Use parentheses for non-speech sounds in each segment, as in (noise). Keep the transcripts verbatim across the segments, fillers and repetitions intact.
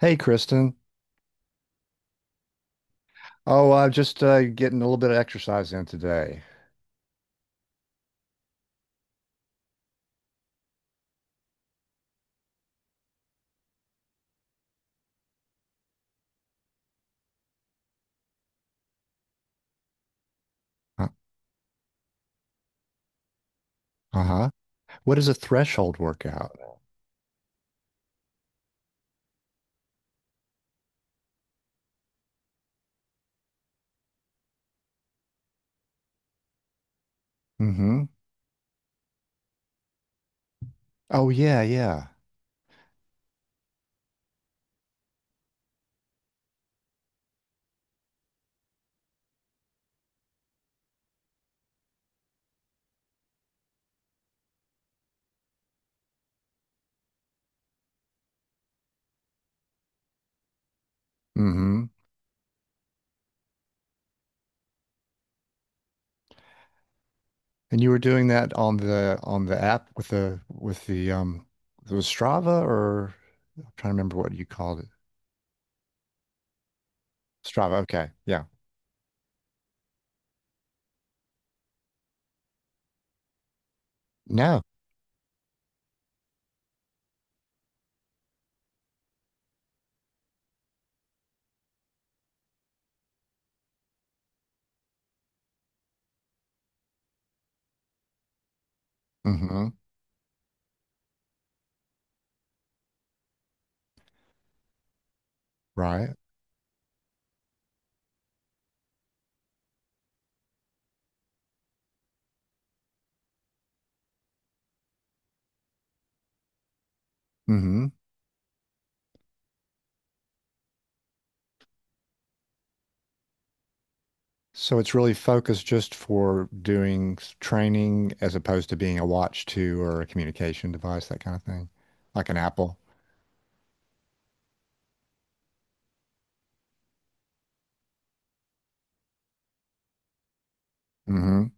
Hey, Kristen. Oh, I'm just uh, getting a little bit of exercise in today. Uh, uh-huh. What is a threshold workout? Mm-hmm. Oh yeah, yeah. Mm-hmm. And you were doing that on the on the app with the with the um it was Strava or I'm trying to remember what you called it. Strava. Okay. Yeah. No. Mm-hmm. Right. Mm-hmm. So it's really focused just for doing s- training as opposed to being a watch to or a communication device, that kind of thing, like an Apple. Mm-hmm.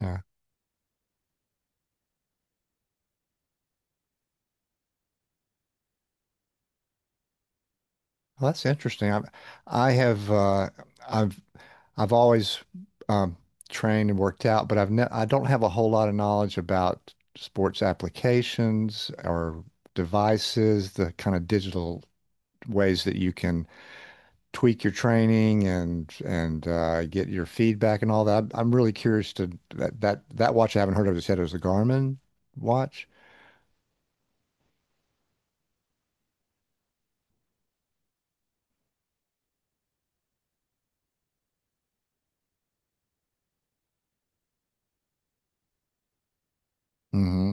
Yeah. Well, that's interesting. I, I have uh, I've I've always um, trained and worked out, but I've ne I don't have a whole lot of knowledge about sports applications or devices, the kind of digital ways that you can tweak your training and and uh, get your feedback and all that. I'm really curious to that that that watch I haven't heard of. You said it was a Garmin watch. Hmm.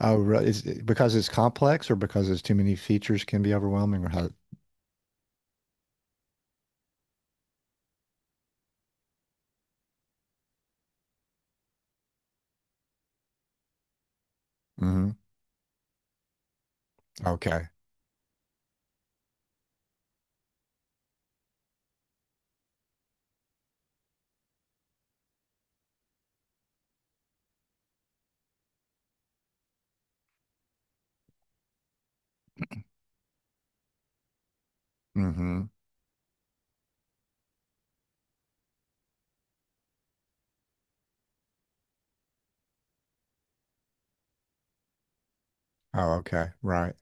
Oh, re- is it because it's complex or because there's too many features can be overwhelming or how? Hmm. Okay. Hmm. Oh, okay. Right.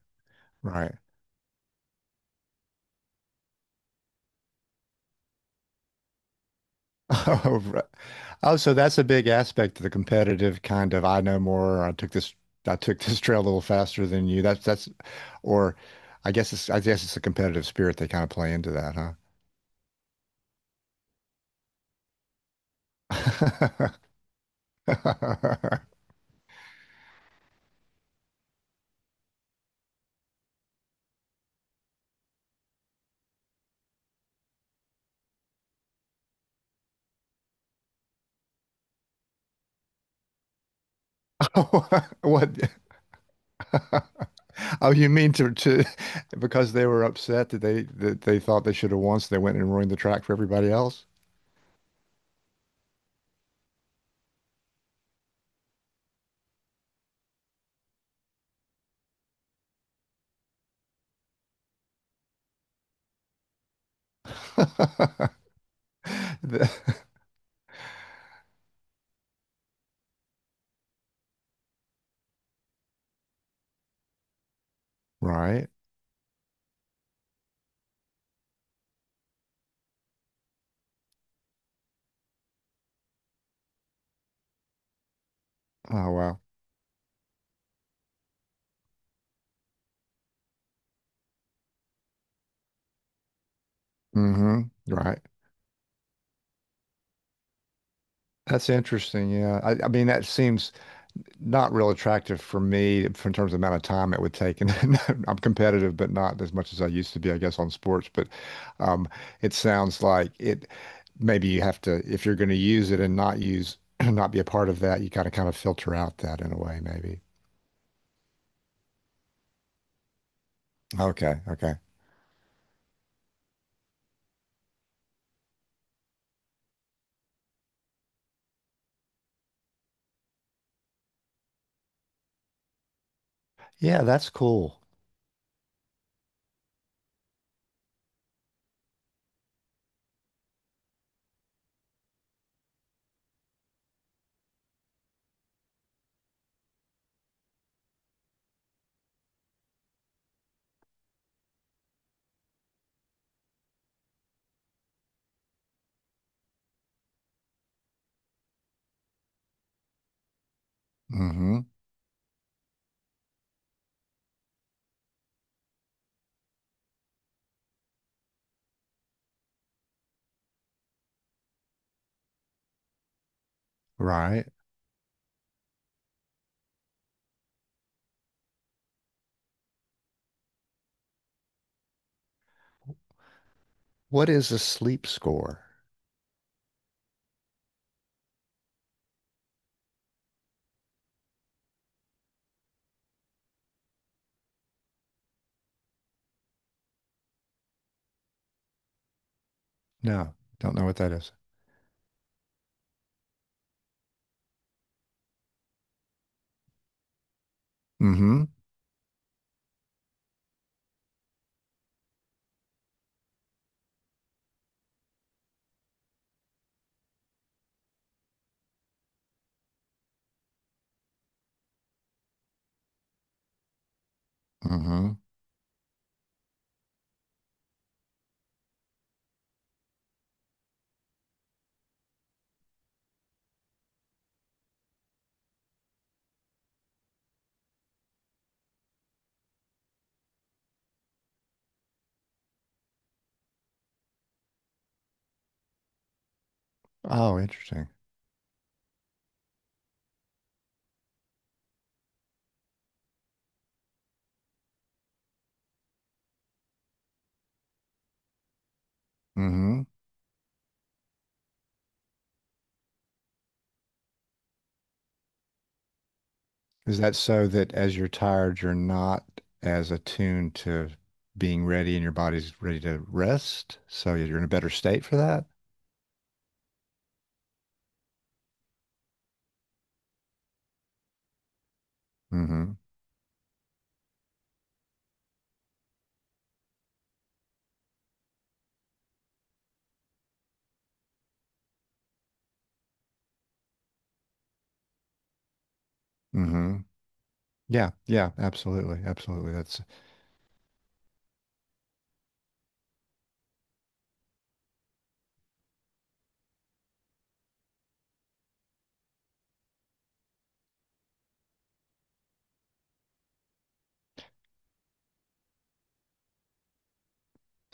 Right. (laughs) Oh, right. Oh, so that's a big aspect of the competitive kind of I know more. I took this I took this trail a little faster than you. That's that's or I guess it's I guess it's a competitive spirit they kind of play into that, huh? (laughs) Oh, (laughs) what? Oh, you mean to to because they were upset that they that they thought they should have won, so they went and ruined the track for everybody else? (laughs) The- Right. Oh wow. Hmm. Right. That's interesting. Yeah. I, I mean, that seems not real attractive for me in terms of the amount of time it would take. And (laughs) I'm competitive, but not as much as I used to be, I guess, on sports. But um, it sounds like it. Maybe you have to, if you're going to use it and not use, (clears throat) not be a part of that, you got to kind of filter out that in a way, maybe. Okay. Okay. Yeah, that's cool. Hmm. Right. What is a sleep score? No, don't know what that is. Mm-hmm. Oh, interesting. Hmm. Is that so that as you're tired, you're not as attuned to being ready and your body's ready to rest? So you're in a better state for that? Hmm. Hmm. Yeah, yeah, absolutely. Absolutely. That's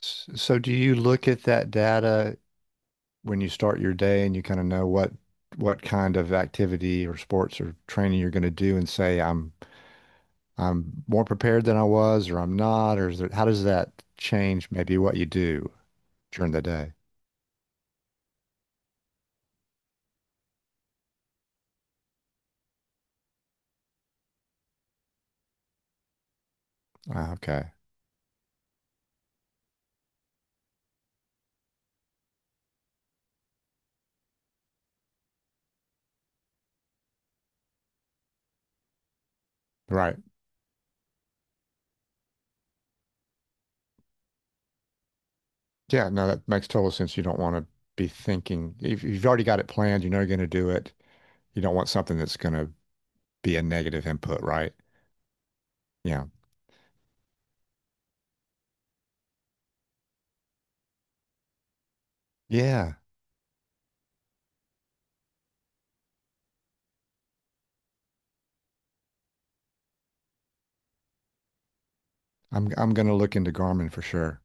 s- so do you look at that data when you start your day and you kind of know what what kind of activity or sports or training you're going to do and say I'm I'm more prepared than I was or I'm not or is there, how does that change maybe what you do during the day? Ah, okay. Right. Yeah. No, that makes total sense. You don't want to be thinking if if you've already got it planned, you know you're going to do it. You don't want something that's going to be a negative input, right? Yeah. Yeah. I'm I'm going to look into Garmin for sure.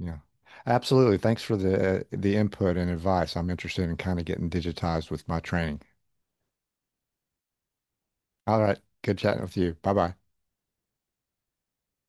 Yeah. Absolutely. Thanks for the uh, the input and advice. I'm interested in kind of getting digitized with my training. All right. Good chatting with you. Bye-bye.